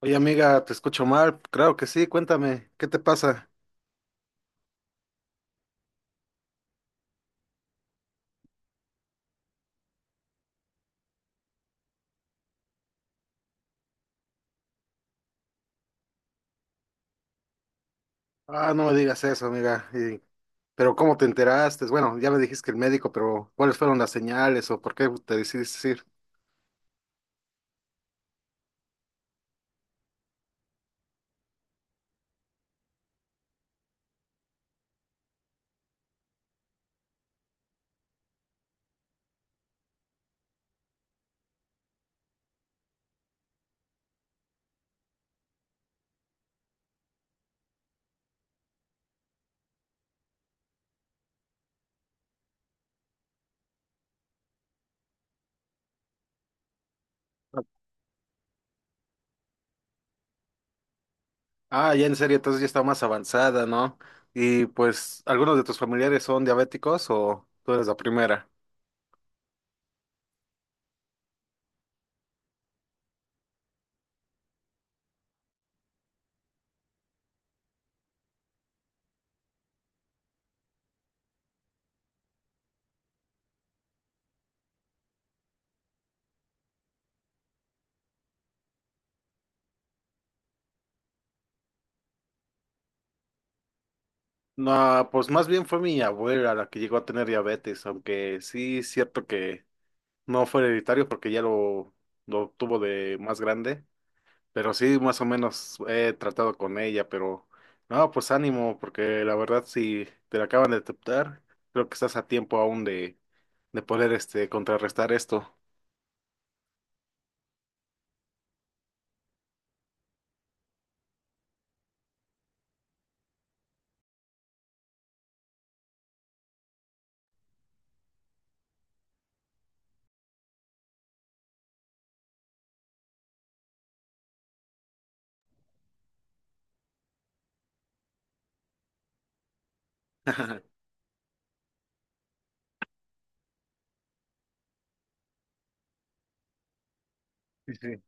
Oye, amiga, te escucho mal. Claro que sí, cuéntame, ¿qué te pasa? Ah, no me digas eso, amiga. Y- pero ¿cómo te enteraste? Bueno, ya me dijiste que el médico, pero ¿cuáles fueron las señales o por qué te decidiste ir? Ah, ya en serio, entonces ya está más avanzada, ¿no? Y pues, ¿algunos de tus familiares son diabéticos o tú eres la primera? No, pues más bien fue mi abuela la que llegó a tener diabetes, aunque sí es cierto que no fue hereditario porque lo tuvo de más grande. Pero sí, más o menos he tratado con ella, pero no, pues ánimo, porque la verdad si te la acaban de aceptar, creo que estás a tiempo aún de poder este contrarrestar esto. Sí, sí.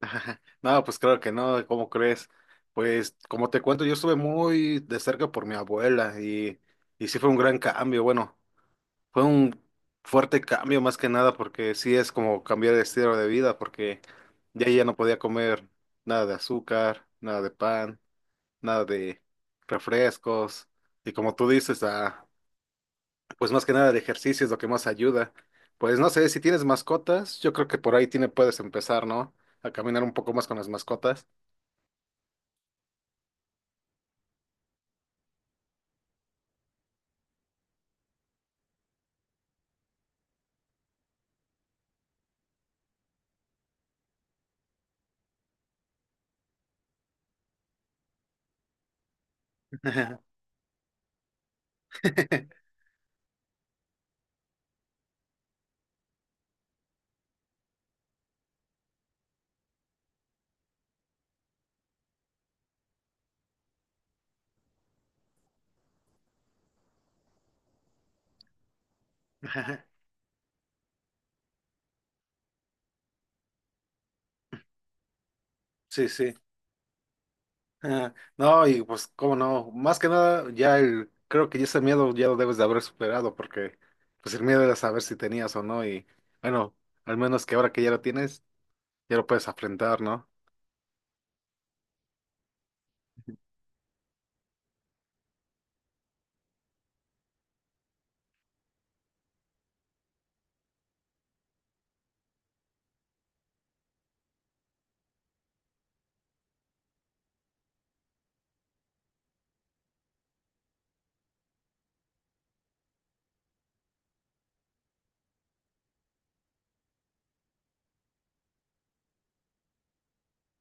No, pues claro que no, ¿cómo crees? Pues como te cuento, yo estuve muy de cerca por mi abuela y sí fue un gran cambio. Bueno, fue un fuerte cambio más que nada porque sí es como cambiar de estilo de vida porque ya no podía comer nada de azúcar, nada de pan, nada de refrescos y como tú dices, ah, pues más que nada el ejercicio es lo que más ayuda. Pues no sé, si tienes mascotas, yo creo que por ahí tiene, puedes empezar, ¿no? A caminar un poco más con las mascotas. Sí, sí. Ah, no, y pues, cómo no, más que nada, ya el, creo que ya ese miedo ya lo debes de haber superado, porque pues el miedo era saber si tenías o no, y bueno, al menos que ahora que ya lo tienes, ya lo puedes afrontar, ¿no?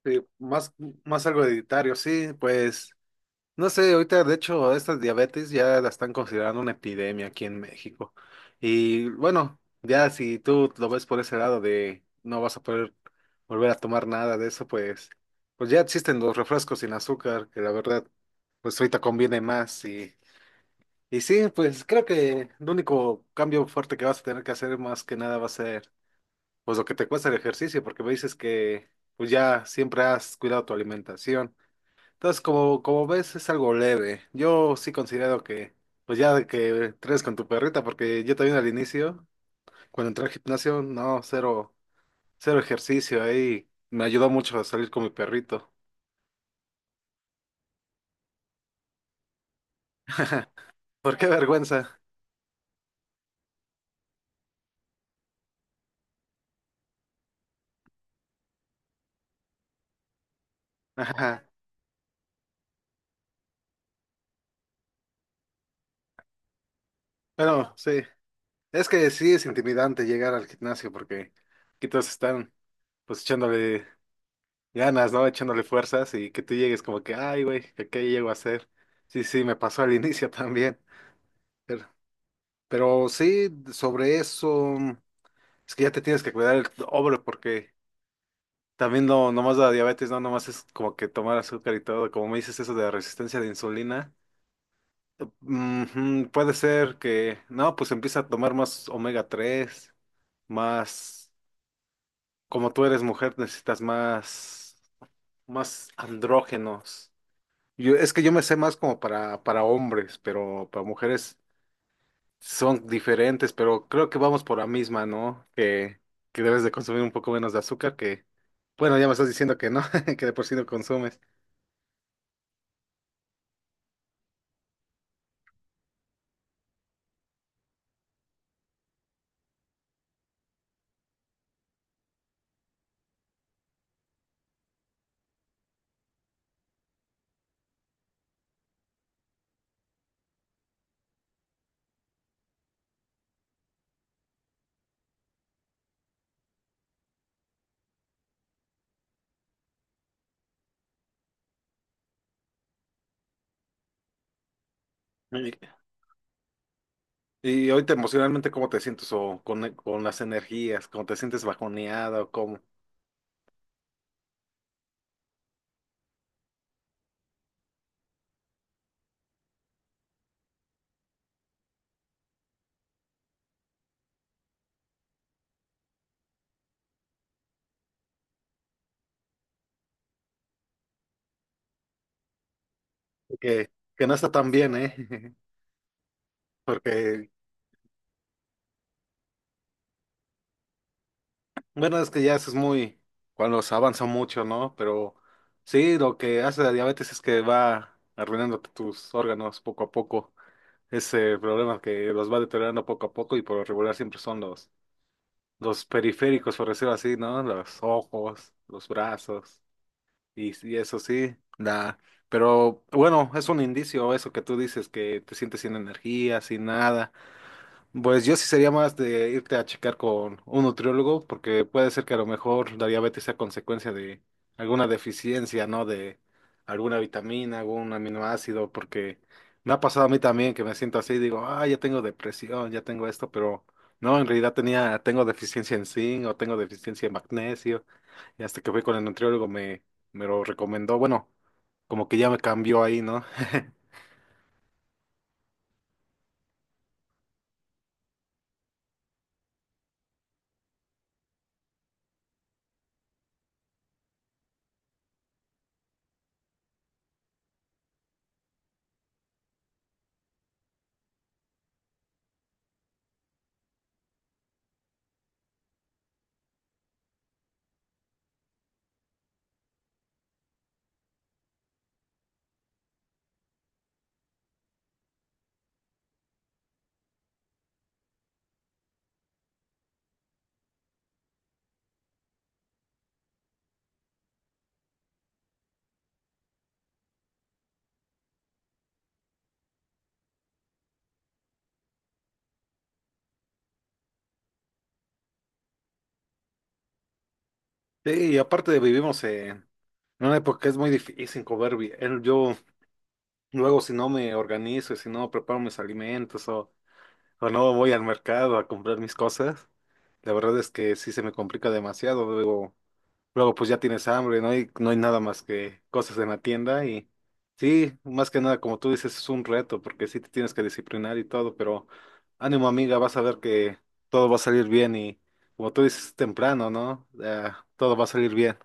Sí, más, más algo hereditario, sí, pues. No sé, ahorita de hecho estas diabetes ya la están considerando una epidemia aquí en México. Y bueno, ya si tú lo ves por ese lado de no vas a poder volver a tomar nada de eso, pues, pues ya existen los refrescos sin azúcar, que la verdad, pues ahorita conviene más. Y sí, pues creo que el único cambio fuerte que vas a tener que hacer más que nada va a ser pues lo que te cuesta el ejercicio, porque me dices que pues ya siempre has cuidado tu alimentación. Entonces, como, como ves, es algo leve. Yo sí considero que, pues ya de que tres con tu perrita, porque yo también al inicio, cuando entré al gimnasio, no, cero, cero ejercicio ahí. Me ayudó mucho a salir con mi perrito. ¿Por qué vergüenza? Ajá. Bueno, sí. Es que sí es intimidante llegar al gimnasio porque aquí todos están pues echándole ganas, ¿no? Echándole fuerzas y que tú llegues como que, ay, güey, ¿qué, qué llego a hacer? Sí, sí, me pasó al inicio también. Pero sí, sobre eso, es que ya te tienes que cuidar el hombre porque también no, nomás la diabetes, no, nomás es como que tomar azúcar y todo, como me dices eso de la resistencia de insulina, ujú, puede ser que, no, pues empieza a tomar más omega 3 más, como tú eres mujer, necesitas más, más andrógenos. Yo, es que yo me sé más para hombres, pero para mujeres son diferentes, pero creo que vamos por la misma, ¿no? Que debes de consumir un poco menos de azúcar, que, bueno, ya me estás diciendo que no, que de por sí no consumes. Y, y ahorita emocionalmente, ¿cómo te sientes? O con, e, con las energías, ¿cómo te sientes bajoneada o cómo? Que, que no está tan bien, ¿eh? Porque, bueno, es que ya eso es muy, cuando se avanza mucho, ¿no? Pero sí, lo que hace la diabetes es que va arruinándote tus órganos poco a poco. Ese problema que los va deteriorando poco a poco y por lo regular siempre son los periféricos, por decirlo así, ¿no? Los ojos, los brazos y eso sí, da. Pero bueno, es un indicio eso que tú dices que te sientes sin energía, sin nada. Pues yo sí sería más de irte a checar con un nutriólogo, porque puede ser que a lo mejor la diabetes sea consecuencia de alguna deficiencia, ¿no? De alguna vitamina, algún aminoácido, porque me ha pasado a mí también que me siento así, digo, ah, ya tengo depresión, ya tengo esto, pero no, en realidad tenía, tengo deficiencia en zinc o tengo deficiencia en magnesio, y hasta que fui con el nutriólogo me, me lo recomendó, bueno, como que ya me cambió ahí, ¿no? Sí, y aparte vivimos en no, porque es muy difícil comer bien. Yo luego si no me organizo, si no preparo mis alimentos o no voy al mercado a comprar mis cosas, la verdad es que sí se me complica demasiado. Luego, luego pues ya tienes hambre, no hay, no hay nada más que cosas en la tienda y sí, más que nada como tú dices es un reto porque sí te tienes que disciplinar y todo, pero ánimo amiga, vas a ver que todo va a salir bien y como tú dices temprano, ¿no? Todo va a salir bien.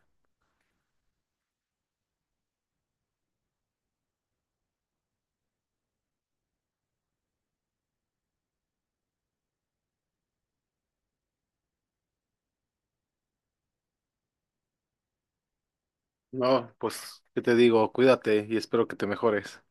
No, pues, ¿qué te digo? Cuídate y espero que te mejores.